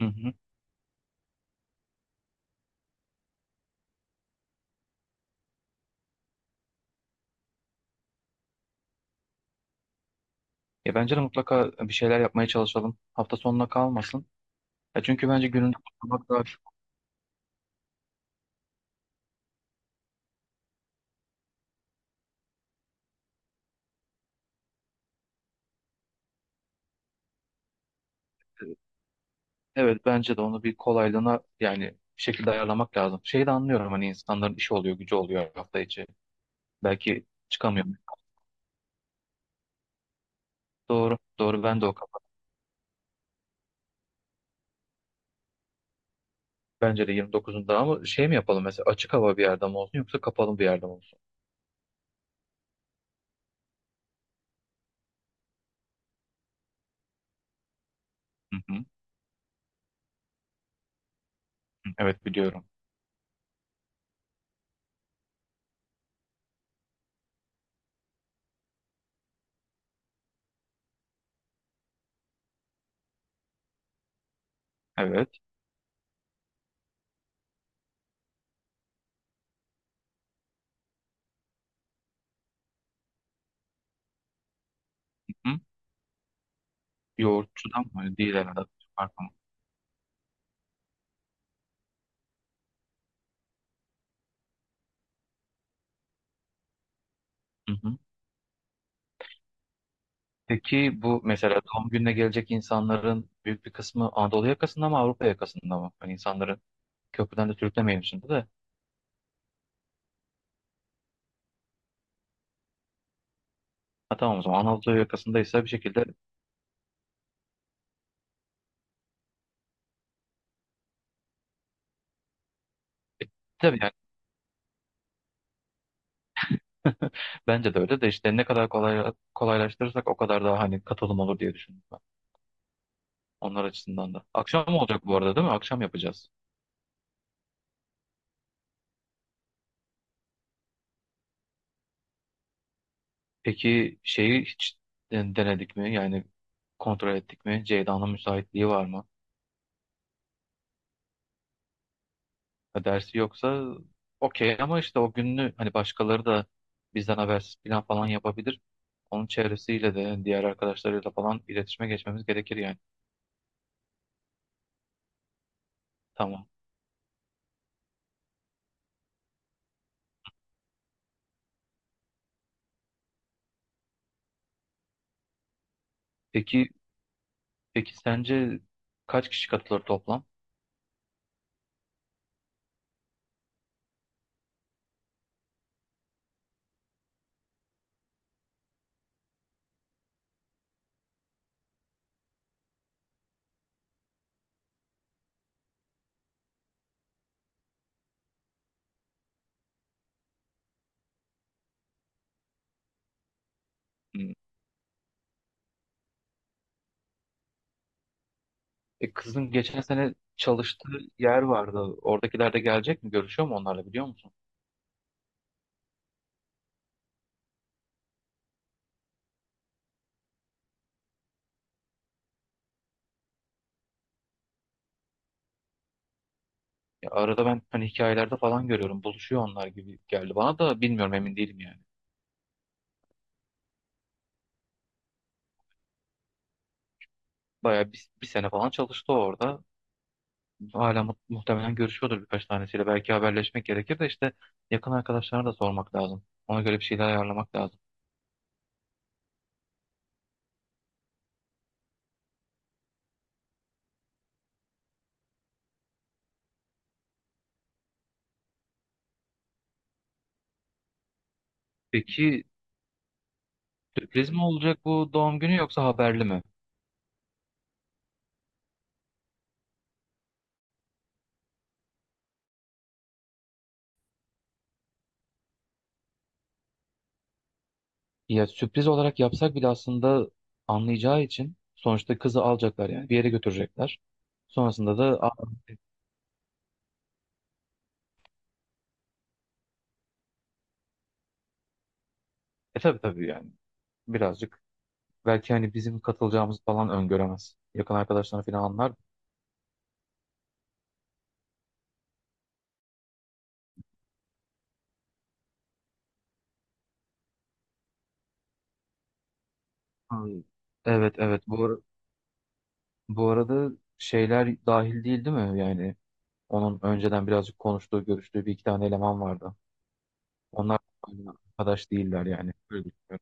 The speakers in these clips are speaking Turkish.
Hı hı. Ya bence de mutlaka bir şeyler yapmaya çalışalım. Hafta sonuna kalmasın. Ya çünkü bence gününü kutlamak daha... Evet bence de onu bir kolaylığına yani bir şekilde ayarlamak lazım. Şeyi de anlıyorum hani insanların işi oluyor, gücü oluyor hafta içi. Belki çıkamıyor. Doğru, doğru ben de o kafa. Bence de 29'unda ama şey mi yapalım mesela açık hava bir yerde mi olsun yoksa kapalı bir yerde mi olsun? Hı hı. Evet biliyorum. Evet. Hı hı. Yoğurtçudan mı? Değil herhalde. Farklı mı? Peki bu mesela doğum gününe gelecek insanların büyük bir kısmı Anadolu yakasında mı Avrupa yakasında mı? Hani insanların köprüden de sürüklemeyelim şimdi de. Ha tamam o zaman Anadolu yakasındaysa bir şekilde e, tabii yani bence de öyle de işte ne kadar kolay, kolaylaştırırsak o kadar daha hani katılım olur diye düşündüm ben. Onlar açısından da. Akşam olacak bu arada değil mi? Akşam yapacağız. Peki şeyi hiç denedik mi? Yani kontrol ettik mi? Ceyda'nın müsaitliği var mı? Ya dersi yoksa okey ama işte o gününü hani başkaları da bizden habersiz plan falan yapabilir. Onun çevresiyle de yani diğer arkadaşlarıyla falan iletişime geçmemiz gerekir yani. Tamam. Peki peki sence kaç kişi katılır toplam? Hmm. E, kızın geçen sene çalıştığı yer vardı. Oradakiler de gelecek mi? Görüşüyor mu onlarla biliyor musun? Ya arada ben hani hikayelerde falan görüyorum. Buluşuyor onlar gibi geldi bana da bilmiyorum emin değilim yani. Bayağı bir sene falan çalıştı orada. Hala muhtemelen görüşüyordur birkaç tanesiyle. Belki haberleşmek gerekir de işte yakın arkadaşlarına da sormak lazım. Ona göre bir şeyler ayarlamak lazım. Peki sürpriz mi olacak bu doğum günü yoksa haberli mi? Ya sürpriz olarak yapsak bile aslında anlayacağı için sonuçta kızı alacaklar yani bir yere götürecekler. Sonrasında da Aa, e tabii tabii yani birazcık belki hani bizim katılacağımız falan öngöremez. Yakın arkadaşlarına falan anlar. Hmm. Evet evet bu, ar- Bu arada şeyler dahil değil değil mi yani? Onun önceden birazcık konuştuğu, görüştüğü bir iki tane eleman vardı. Onlar arkadaş değiller yani. Öyle düşünüyorum.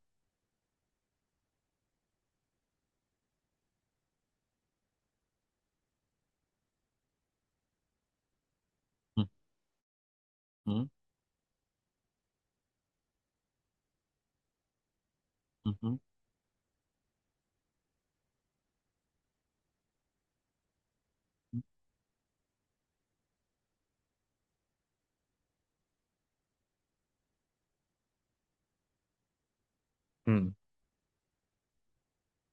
Hı hı hı hı. Hı.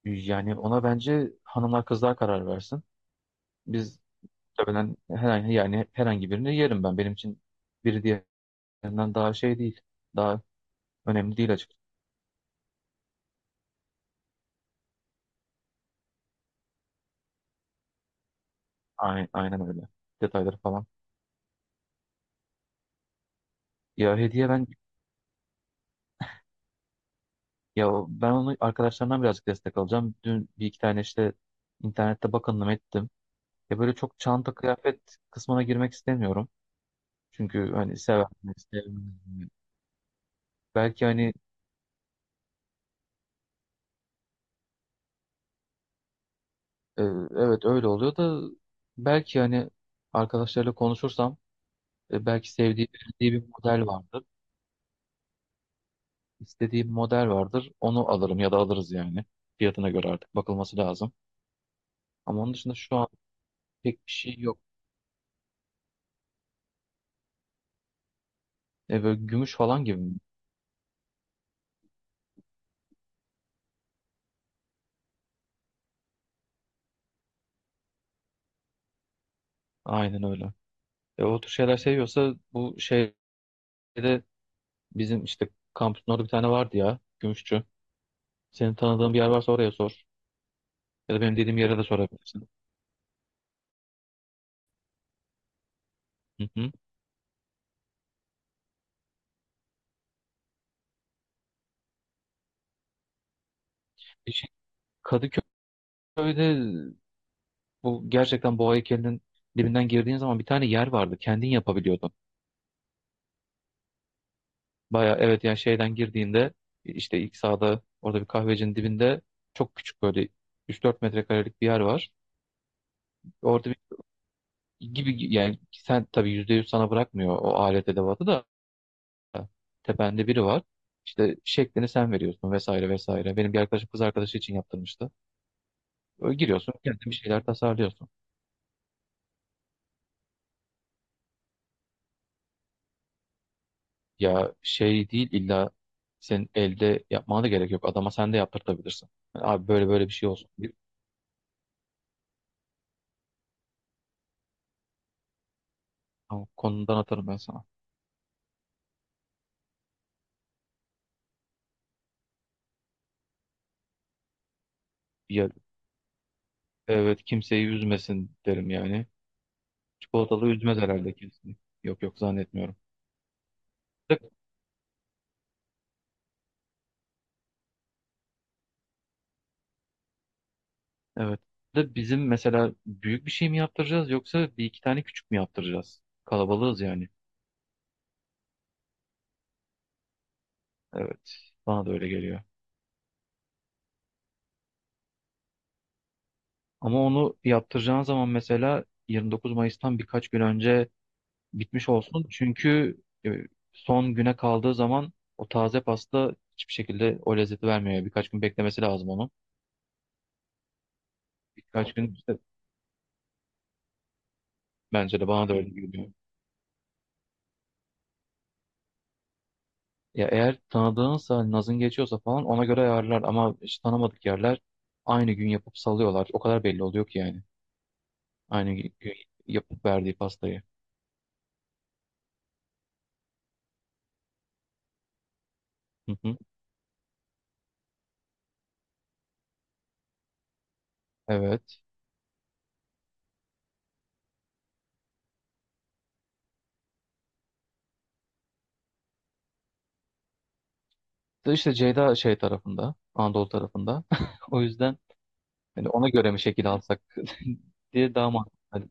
Yani ona bence hanımlar kızlar karar versin. Biz tabii ben herhangi yani herhangi birini yerim ben. Benim için biri diğerinden daha şey değil. Daha önemli değil açıkçası. Aynen, aynen öyle. Detayları falan. Ya hediye ben onu arkadaşlarımdan birazcık destek alacağım. Dün bir iki tane işte internette bakındım ettim. Ya böyle çok çanta kıyafet kısmına girmek istemiyorum. Çünkü hani sever mi, sevmez mi? Belki hani e, evet öyle oluyor da belki hani arkadaşlarla konuşursam belki sevdiği, beğendiği bir model vardır. İstediği bir model vardır. Onu alırım ya da alırız yani. Fiyatına göre artık bakılması lazım. Ama onun dışında şu an pek bir şey yok. E, böyle gümüş falan gibi mi? Aynen öyle. E, o tür şeyler seviyorsa bu şeyde bizim işte kampüsün orada bir tane vardı ya. Gümüşçü. Senin tanıdığın bir yer varsa oraya sor. Ya da benim dediğim yere de sorabilirsin. Hı hı. E şey, Kadıköy'de bu gerçekten boğa heykelinin dibinden girdiğin zaman bir tane yer vardı. Kendin yapabiliyordun. Baya evet yani şeyden girdiğinde işte ilk sağda orada bir kahvecinin dibinde çok küçük böyle üç dört metrekarelik bir yer var. Orada bir gibi yani sen tabii %100 sana bırakmıyor o alet edevatı da tepende biri var. İşte şeklini sen veriyorsun vesaire vesaire. Benim bir arkadaşım kız arkadaşı için yaptırmıştı. Böyle giriyorsun, kendin bir şeyler tasarlıyorsun. Ya şey değil illa senin elde yapmana da gerek yok. Adama sen de yaptırtabilirsin. Yani abi böyle böyle bir şey olsun. Bir, tamam, konudan atarım ben sana. Ya, evet kimseyi üzmesin derim yani. Çikolatalı üzmez herhalde kesin. Yok yok zannetmiyorum. De- Evet. De bizim mesela büyük bir şey mi yaptıracağız yoksa bir iki tane küçük mü yaptıracağız? Kalabalığız yani. Evet. Bana da öyle geliyor. Ama onu yaptıracağın zaman mesela 29 Mayıs'tan birkaç gün önce bitmiş olsun. Çünkü e, son güne kaldığı zaman o taze pasta hiçbir şekilde o lezzeti vermiyor. Birkaç gün beklemesi lazım onu. Birkaç gün işte bence de bana da öyle geliyor. Ya eğer tanıdığınsa hani nazın geçiyorsa falan ona göre ayarlar ama hiç tanımadık yerler aynı gün yapıp salıyorlar. O kadar belli oluyor ki yani. Aynı gün yapıp verdiği pastayı. Hı hı. Evet. De İşte Ceyda şey tarafında, Anadolu tarafında. O yüzden hani ona göre mi şekil alsak diye daha mantıklı. Hani,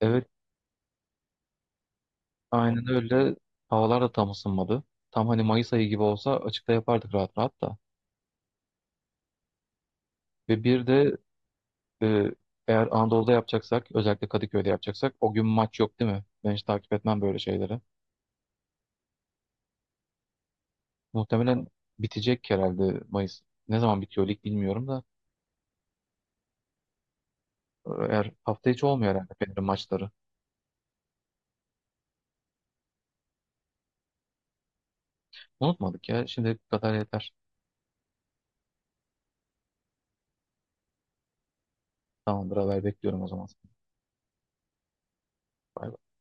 evet aynen öyle. Havalar da tam ısınmadı. Tam hani Mayıs ayı gibi olsa açıkta yapardık rahat rahat da. Ve bir de e, eğer Anadolu'da yapacaksak, özellikle Kadıköy'de yapacaksak o gün maç yok değil mi? Ben hiç takip etmem böyle şeyleri. Muhtemelen bitecek herhalde Mayıs. Ne zaman bitiyor lig bilmiyorum da. Eğer hafta içi olmuyor herhalde Fener'in maçları. Unutmadık ya. Şimdi bu kadar yeter. Tamamdır haber bekliyorum o zaman. Bay bay.